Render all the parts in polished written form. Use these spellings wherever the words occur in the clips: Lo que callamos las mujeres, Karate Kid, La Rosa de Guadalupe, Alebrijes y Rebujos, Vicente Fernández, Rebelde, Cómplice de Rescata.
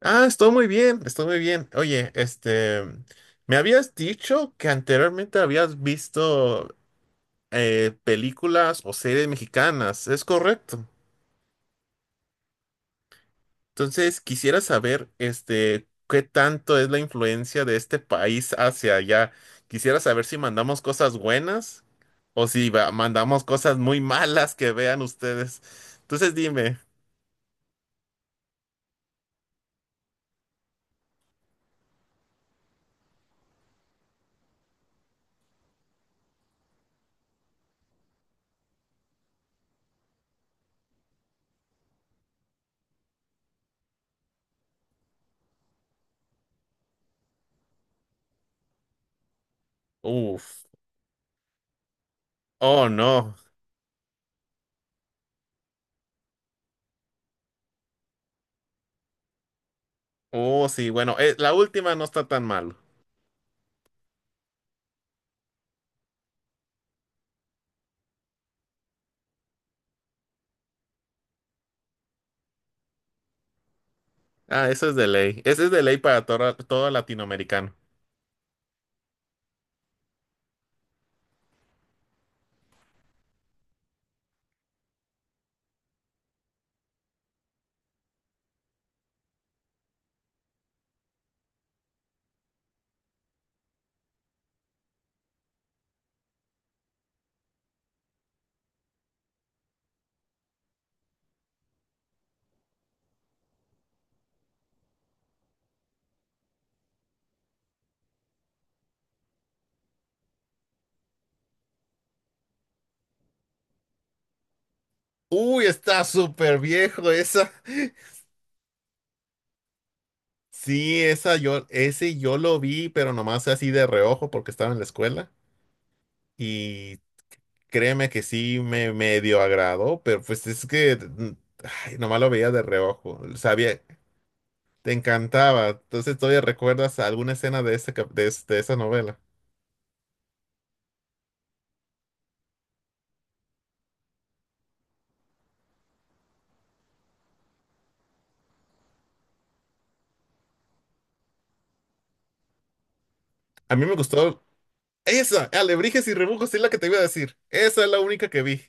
Estoy muy bien, estoy muy bien. Oye, me habías dicho que anteriormente habías visto películas o series mexicanas, ¿es correcto? Entonces, quisiera saber, qué tanto es la influencia de este país hacia allá. Quisiera saber si mandamos cosas buenas o si va- mandamos cosas muy malas que vean ustedes. Entonces, dime. Uf, oh no. Oh, sí, bueno, la última no está tan mal. Ah, eso es de ley. Ese es de ley para todo, todo latinoamericano. Uy, está súper viejo esa. Sí, ese yo lo vi, pero nomás así de reojo porque estaba en la escuela. Y créeme que sí me medio agradó, pero pues es que ay, nomás lo veía de reojo. Sabía, te encantaba. Entonces, ¿todavía recuerdas alguna escena de, ese, cap- de, es- de esa novela? A mí me gustó esa, Alebrijes y Rebujos, es la que te iba a decir. Esa es la única que vi.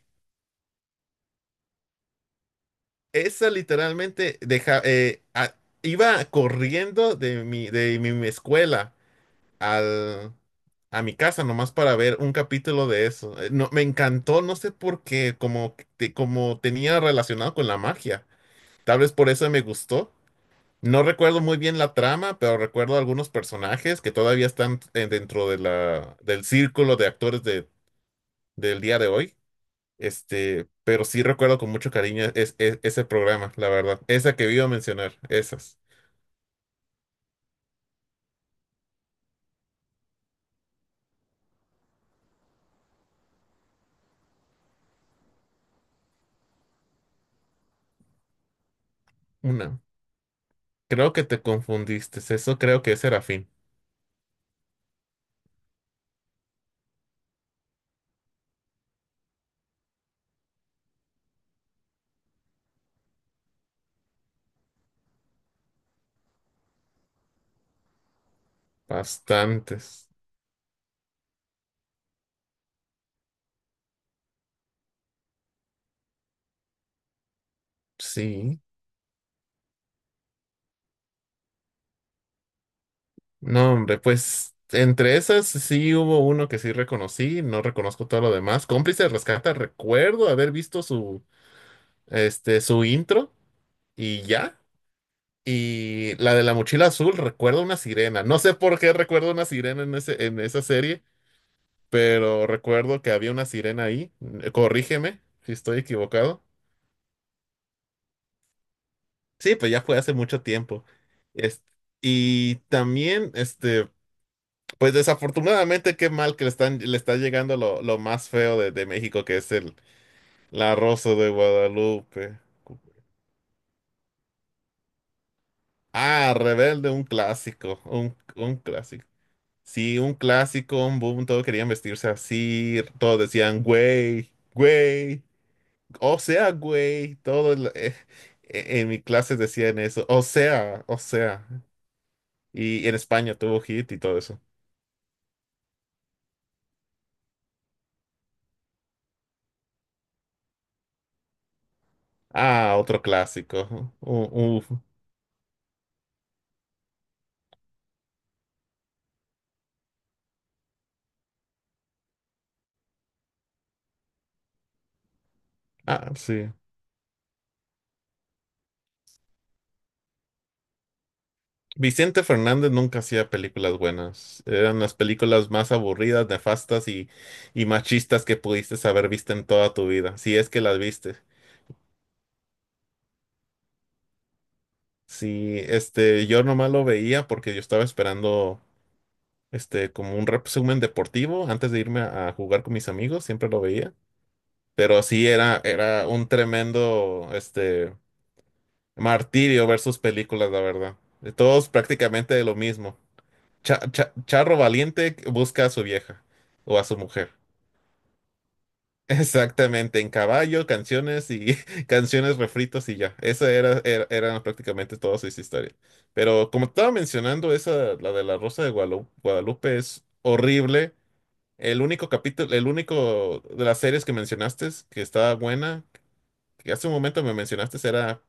Esa literalmente deja, iba corriendo de mi escuela al, a mi casa nomás para ver un capítulo de eso. No, me encantó, no sé por qué, como tenía relacionado con la magia. Tal vez por eso me gustó. No recuerdo muy bien la trama, pero recuerdo algunos personajes que todavía están dentro de del círculo de actores de, del día de hoy. Pero sí recuerdo con mucho cariño ese programa, la verdad. Esa que iba a mencionar, esas. Una. Creo que te confundiste. Eso creo que es Serafín. Bastantes. Sí. No, hombre, pues entre esas sí hubo uno que sí reconocí. No reconozco todo lo demás. Cómplice de Rescata, recuerdo haber visto su intro y ya. Y la de la mochila azul, recuerdo una sirena. No sé por qué recuerdo una sirena en esa serie, pero recuerdo que había una sirena ahí. Corrígeme si estoy equivocado. Sí, pues ya fue hace mucho tiempo. Es- y también, pues desafortunadamente, qué mal que le está llegando lo más feo de México, que es el la Rosa de Guadalupe. Ah, Rebelde, un clásico, un clásico. Sí, un clásico, un boom, todos querían vestirse así, todos decían, güey, güey. O sea, güey, en mi clase decían eso. O sea, o sea. Y en España tuvo hit y todo eso. Ah, otro clásico. U- uf. Ah, sí. Vicente Fernández nunca hacía películas buenas. Eran las películas más aburridas, nefastas y machistas que pudiste haber visto en toda tu vida, si es que las viste. Sí, yo nomás lo veía porque yo estaba esperando, como un resumen deportivo antes de irme a jugar con mis amigos, siempre lo veía. Pero sí era un tremendo martirio ver sus películas, la verdad. Todos prácticamente de lo mismo. Charro valiente busca a su vieja o a su mujer. Exactamente, en caballo, canciones y canciones refritos y ya. Eran prácticamente todas sus historias. Pero como estaba mencionando, esa, la de la Rosa de Guadalupe es horrible. El único capítulo, el único de las series que mencionaste es que estaba buena que hace un momento me mencionaste era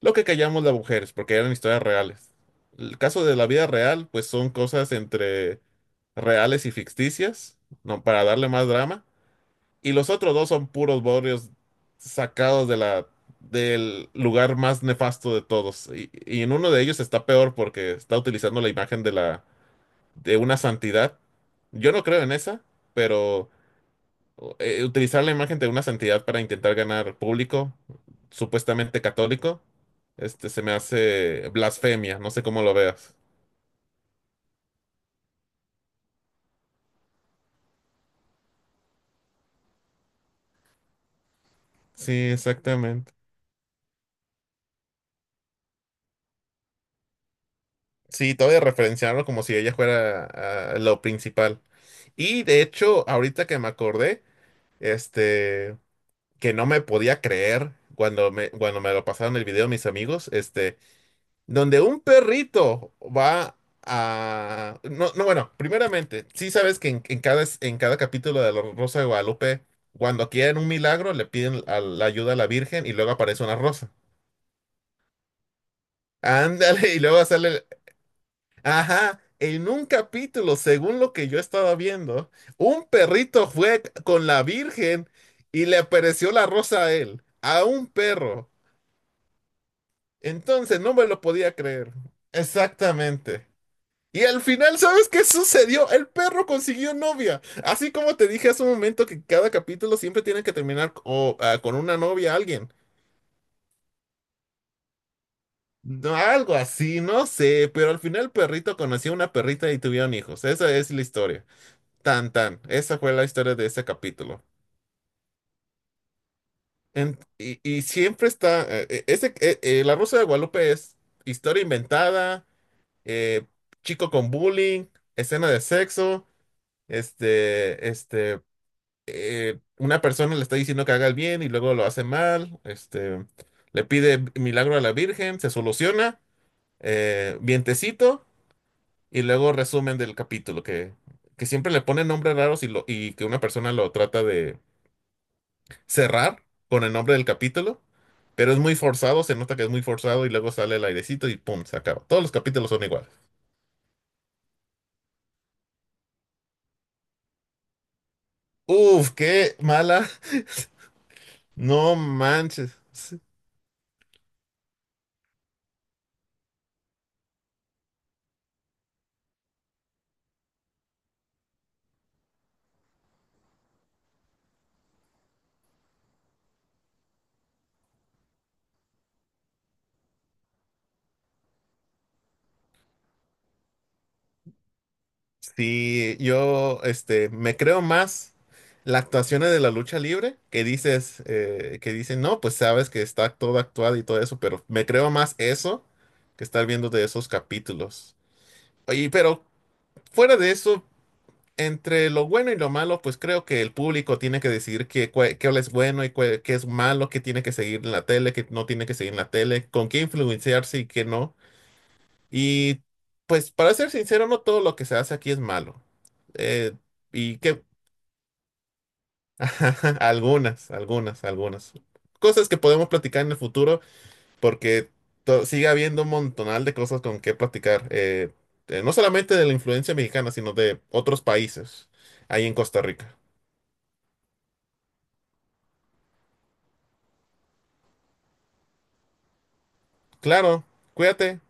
lo que callamos las mujeres, porque eran historias reales. El caso de la vida real, pues son cosas entre reales y ficticias, no, para darle más drama. Y los otros dos son puros borrios sacados de del lugar más nefasto de todos. Y en uno de ellos está peor porque está utilizando la imagen de de una santidad. Yo no creo en esa, pero utilizar la imagen de una santidad para intentar ganar público, supuestamente católico, se me hace blasfemia, no sé cómo lo veas. Sí, exactamente. Sí, todavía referenciarlo como si ella fuera lo principal. Y de hecho, ahorita que me acordé, este, que no me podía creer cuando cuando me lo pasaron el video mis amigos, donde un perrito va a... No, no, bueno, primeramente, sí sabes que en cada capítulo de La Rosa de Guadalupe, cuando quieren un milagro, la ayuda a la Virgen y luego aparece una rosa. Ándale, y luego sale... el- Ajá, en un capítulo, según lo que yo estaba viendo, un perrito fue con la Virgen y le apareció la rosa a él, a un perro. Entonces, no me lo podía creer. Exactamente. Y al final, ¿sabes qué sucedió? El perro consiguió novia. Así como te dije hace un momento que cada capítulo siempre tiene que terminar o, ah, con una novia, alguien. No, algo así, no sé, pero al final el perrito conoció a una perrita y tuvieron hijos. Esa es la historia. Tan, tan. Esa fue la historia de ese capítulo. Y siempre está, La Rosa de Guadalupe es historia inventada, eh, chico con bullying, escena de sexo, este, este... una persona le está diciendo que haga el bien y luego lo hace mal, le pide milagro a la Virgen, se soluciona, vientecito, y luego resumen del capítulo, que siempre le ponen nombres raros y que una persona lo trata de cerrar con el nombre del capítulo, pero es muy forzado, se nota que es muy forzado y luego sale el airecito y pum, se acaba. Todos los capítulos son iguales. Uf, qué mala. No manches. Sí, yo me creo más las actuaciones de la lucha libre, que dicen, no, pues sabes que está todo actuado y todo eso, pero me creo más eso que estar viendo de esos capítulos. Y pero fuera de eso, entre lo bueno y lo malo, pues creo que el público tiene que decidir qué, qué es bueno y qué es malo, qué tiene que seguir en la tele, qué no tiene que seguir en la tele, con qué influenciarse y qué no. Y pues para ser sincero, no todo lo que se hace aquí es malo. Eh, y que algunas, algunas, algunas. Cosas que podemos platicar en el futuro porque sigue habiendo un montonal de cosas con que platicar. No solamente de la influencia mexicana, sino de otros países ahí en Costa Rica. Claro, cuídate.